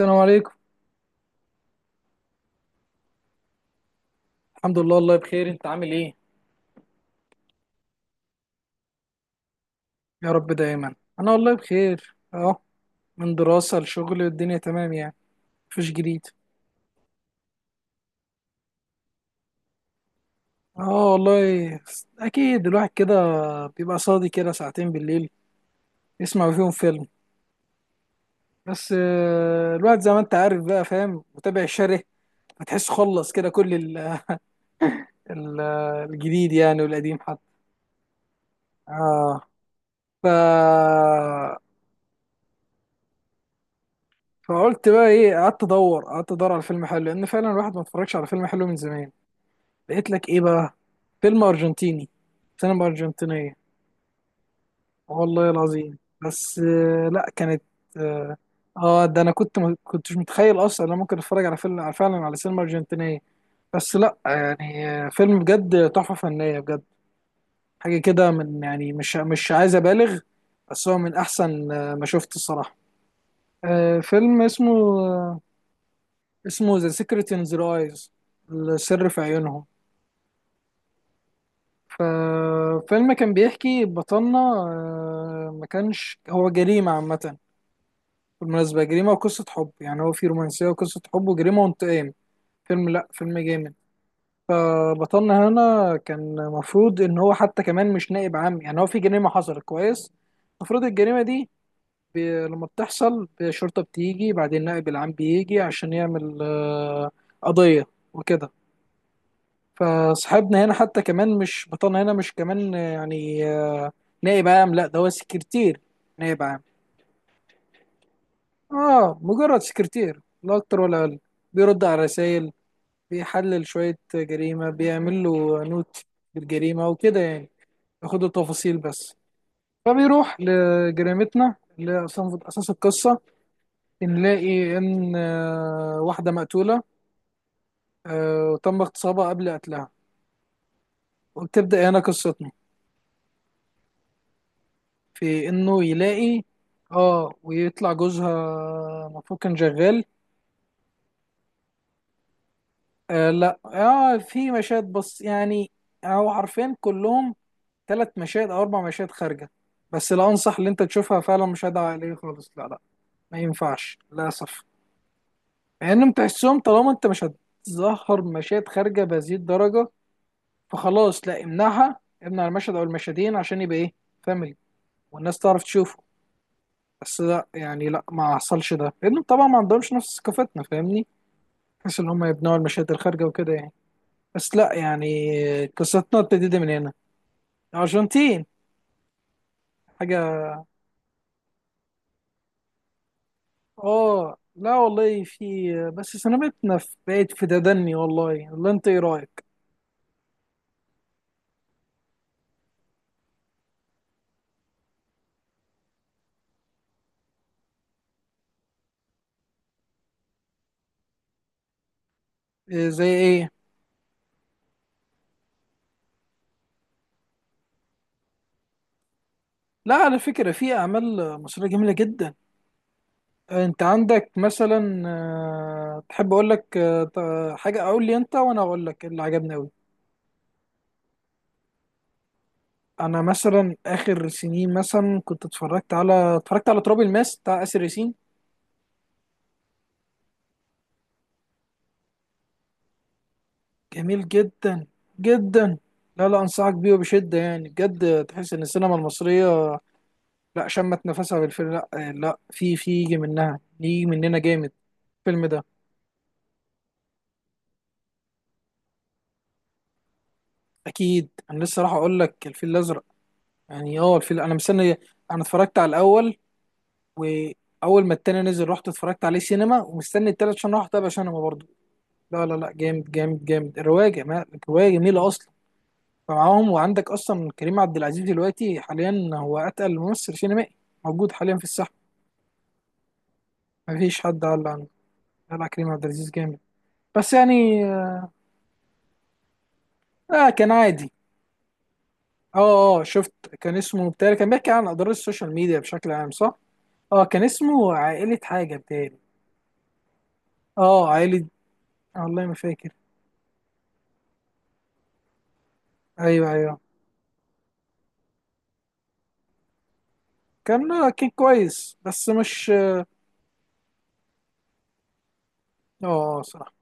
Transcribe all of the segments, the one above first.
السلام عليكم. الحمد لله، والله بخير. انت عامل ايه؟ يا رب دايما. انا والله بخير. اه من دراسة لشغل، والدنيا تمام يعني. مفيش جديد. اه والله، اكيد الواحد كده بيبقى صادي كده ساعتين بالليل يسمع فيهم فيلم. بس الواحد زي ما انت عارف بقى، فاهم متابع الشره. فتحس خلص كده كل ال- الجديد يعني، والقديم حتى. اه. ف فقلت بقى ايه، قعدت ادور على فيلم حلو، لان فعلا الواحد ما اتفرجش على فيلم حلو من زمان. لقيت لك ايه بقى؟ فيلم ارجنتيني، سينما ارجنتينيه. والله العظيم. بس لا، كانت. اه. ده انا كنت ما كنتش متخيل اصلا إن انا ممكن اتفرج على فيلم فعلا على سينما ارجنتينيه. بس لا يعني، فيلم بجد تحفه فنيه بجد. حاجه كده من، يعني مش عايز ابالغ. بس هو من احسن ما شفت الصراحه. فيلم اسمه آه، اسمه ذا سيكريت ان ذا ايز، السر في عيونهم. ففيلم كان بيحكي، بطلنا ما كانش هو جريمة عامة. بالمناسبة جريمة وقصة حب، يعني هو في رومانسية وقصة حب وجريمة وانتقام. فيلم، لأ فيلم جامد. فبطلنا هنا كان مفروض إن هو حتى كمان مش نائب عام. يعني هو في جريمة حصلت، كويس. المفروض الجريمة دي لما بتحصل، الشرطة بتيجي، بعدين النائب العام بيجي عشان يعمل قضية وكده. فصاحبنا هنا حتى كمان مش بطلنا هنا مش كمان يعني نائب عام. لا، ده هو سكرتير نائب عام. اه، مجرد سكرتير، لا اكتر ولا اقل. بيرد على رسائل، بيحلل شوية جريمة، بيعمل له نوت بالجريمة وكده يعني، ياخد التفاصيل بس. فبيروح لجريمتنا اللي أساس القصة. بنلاقي إن واحدة مقتولة، وتم اغتصابها قبل قتلها. وبتبدأ هنا قصتنا، في انه يلاقي. اه، ويطلع جوزها المفروض كان شغال. آه، لا، في مشاهد بس يعني، هو حرفيا كلهم ثلاث مشاهد او اربع مشاهد خارجه. بس لا، انصح ان انت تشوفها، فعلا مشاهد عائليه خالص، لا لا، ما ينفعش للاسف. مع انهم تحسهم، طالما انت مش هتظهر مشاهد خارجه بهذه الدرجه، فخلاص لا، امنعها، امنع المشهد او المشهدين عشان يبقى ايه، فاميلي، والناس تعرف تشوفه. بس لا يعني، لا ما حصلش ده لان طبعا ما عندهمش نفس ثقافتنا، فاهمني، بحيث ان هم يبنوا المشاهد الخارجه وكده يعني. بس لا يعني، قصتنا ابتدت من هنا. الارجنتين. حاجه. اه. لا والله في، بس سنبتنا في بقت في تدني والله. والله انت ايه رايك؟ إيه زي ايه؟ لا، على فكره في اعمال مصريه جميله جدا. انت عندك مثلا تحب اقول لك حاجه، اقول لي انت وانا اقول لك اللي عجبني أوي. انا مثلا اخر سنين مثلا، كنت اتفرجت على تراب الماس بتاع اسر ياسين. جميل جدا جدا. لا لا، انصحك بيه وبشده يعني، بجد تحس ان السينما المصريه، لا شمت نفسها بالفيلم. لا لا، في يجي منها، يجي مننا جامد. الفيلم ده، اكيد انا لسه راح اقول لك الفيل الازرق يعني. اه الفيل، انا مستني. انا اتفرجت على الاول، واول ما التاني نزل رحت اتفرجت عليه سينما، ومستني التالت عشان اروح اتابع سينما برضه. لا لا لا، جامد جامد جامد. الروايه، جمال الروايه، جميله اصلا. فمعاهم، وعندك اصلا كريم عبد العزيز دلوقتي حاليا، هو اتقل ممثل سينمائي موجود حاليا في الساحه. مفيش حد قال عنه، قال على كريم عبد العزيز جامد. بس يعني، اه كان عادي. اه اه، شفت، كان اسمه بتاعي، كان بيحكي عن اضرار السوشيال ميديا بشكل عام، صح. اه، كان اسمه عائله حاجه بتاعي. اه، عائله. والله ما فاكر. ايوه ايوه. كان كويس بس مش اه. صراحه.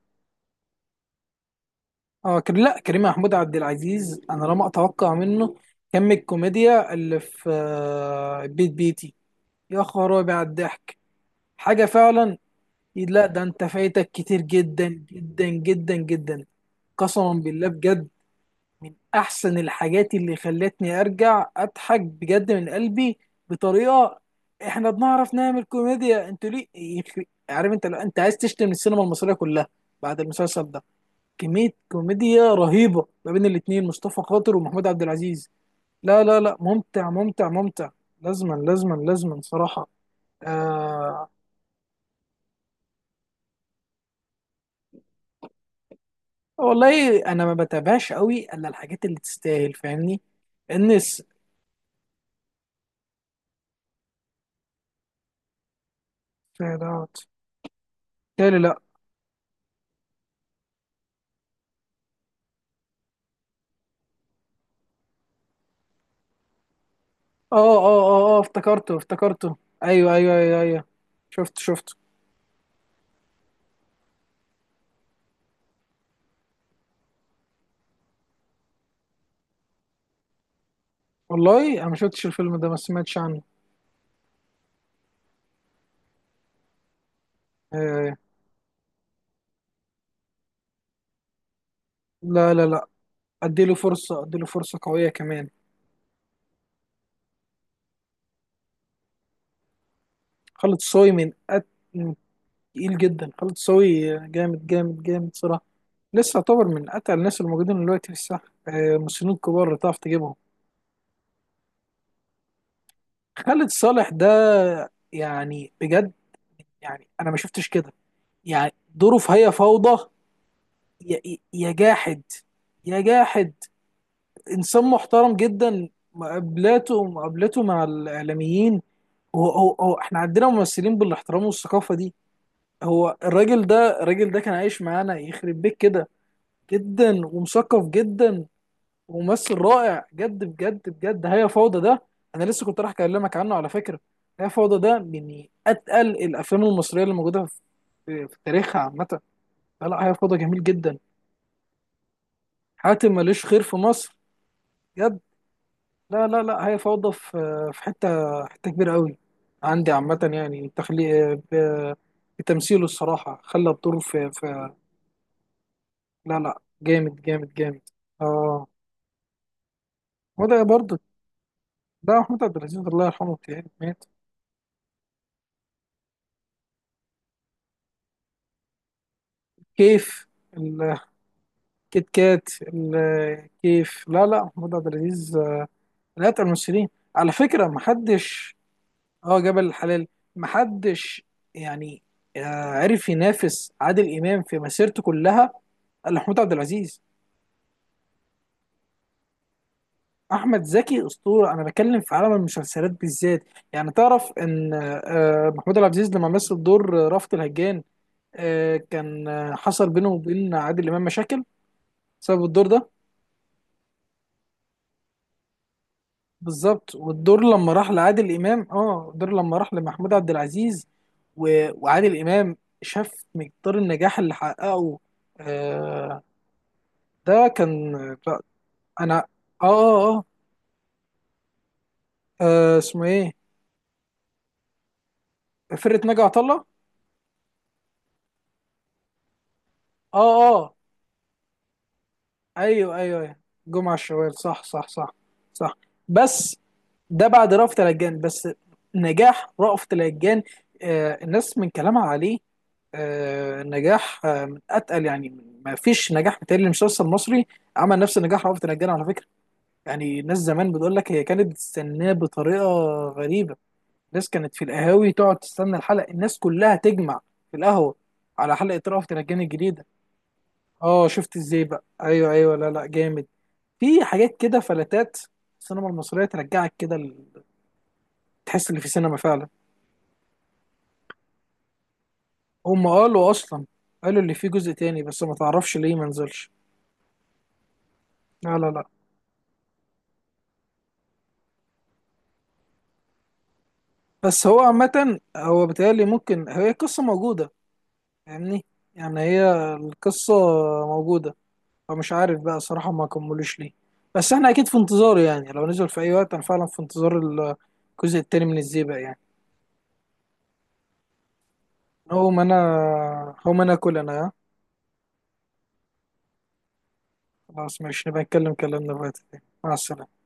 اه. لا، كريم محمود عبد العزيز، انا لا ما اتوقع منه كم الكوميديا اللي في بيت بيتي، يا خرابي على الضحك، حاجه فعلا. لا ده انت فايتك كتير جدا جدا جدا جدا، قسما بالله بجد. من احسن الحاجات اللي خلتني ارجع اضحك بجد من قلبي، بطريقه. احنا بنعرف نعمل كوميديا انتوا، ليه عارف انت؟ لو انت عايز تشتم السينما المصريه كلها بعد المسلسل ده، كمية كوميديا رهيبة ما بين الاتنين مصطفى خاطر ومحمود عبد العزيز. لا لا لا، ممتع ممتع ممتع. لازما لازما لازما صراحة. آه والله أنا ما بتابعش قوي إلا الحاجات اللي تستاهل، فاهمني. الناس فعلاوت. تالي، لا. اه اه اه اه، افتكرته افتكرته. ايوه ايوه ايوه ايوه، شفت شفت. والله انا ما شفتش الفيلم ده، ما سمعتش عنه. آه. لا لا لا، اديله فرصة، اديله فرصة قوية كمان. خالد صوي من تقيل جدا. خالد صاوي جامد جامد جامد صراحه. لسه يعتبر من اتقل الناس الموجودين دلوقتي في الساحه، مصريين كبار اللي تعرف تجيبهم. خالد صالح ده يعني بجد، يعني انا ما شفتش كده يعني، دوره في هي فوضى. يا يا جاحد، يا جاحد. انسان محترم جدا، مقابلته مع الاعلاميين. هو احنا عندنا ممثلين بالاحترام والثقافه دي. هو الراجل ده كان عايش معانا، يخرب بيت كده. جدا ومثقف جدا، وممثل رائع جد، بجد بجد. هي فوضى ده، انا لسه كنت راح اكلمك عنه على فكره. هي فوضى ده من اتقل الافلام المصريه اللي موجوده في تاريخها عامه. لا لا، هي فوضى جميل جدا. حاتم ماليش خير في مصر، جد. لا لا لا، هي فوضى في حته، حته كبيره قوي عندي عامه يعني، تخليق بتمثيله الصراحه، خلى الدور في لا لا، جامد جامد جامد. اه. وده برضه، ده محمود عبد العزيز الله يرحمه يعني، مات. كيف، كيت كات، الكيف. لا لا، محمود عبد العزيز من أتقل الممثلين. على فكرة محدش، اه، جبل الحلال، محدش يعني عرف ينافس عادل إمام في مسيرته كلها إلا محمود عبد العزيز. أحمد زكي أسطورة. أنا بتكلم في عالم المسلسلات بالذات. يعني تعرف إن محمود عبد العزيز لما مثل دور رأفت الهجان، آه، كان آه، حصل بينه وبين عادل إمام مشاكل بسبب الدور ده. بالظبط. والدور لما راح لعادل امام، اه الدور لما راح لمحمود عبد العزيز، و... وعادل امام شاف مقدار النجاح اللي حققه. آه ده كان، لا، انا اه اه اسمه ايه؟ فرقة ناجي عطا الله. اه اه، ايوه ايوه ايوه، جمعة الشوال. صح صح صح صح. بس ده بعد رأفت الهجان. بس نجاح رأفت الهجان الناس من كلامها عليه نجاح، من اتقل يعني. ما فيش نجاح بتاعي لمسلسل مصري عمل نفس نجاح رأفت الهجان على فكره. يعني الناس زمان بتقول لك هي كانت بتستناه بطريقه غريبه. الناس كانت في القهاوي تقعد تستنى الحلقه، الناس كلها تجمع في القهوه على حلقه رأفت الهجان الجديده. اه شفت ازاي بقى، ايوه ايوه، لا لا جامد. في حاجات كده فلتات، السينما المصريه ترجعك كده تحس ان في سينما فعلا. هم قالوا اصلا، قالوا اللي فيه جزء تاني، بس ما تعرفش ليه ما نزلش. لا لا لا. بس هو عامة هو بيتهيألي ممكن هي القصة موجودة، فاهمني؟ يعني هي القصة موجودة، فمش عارف بقى صراحة ما كملوش ليه. بس احنا اكيد في انتظاره يعني، لو نزل في اي وقت انا فعلا في انتظار الجزء التاني من الزيبق يعني. هو ما انا هو ما انا اكل، انا، ها؟ خلاص، ماشي نبقى نتكلم كلامنا في وقت تاني. مع السلامة.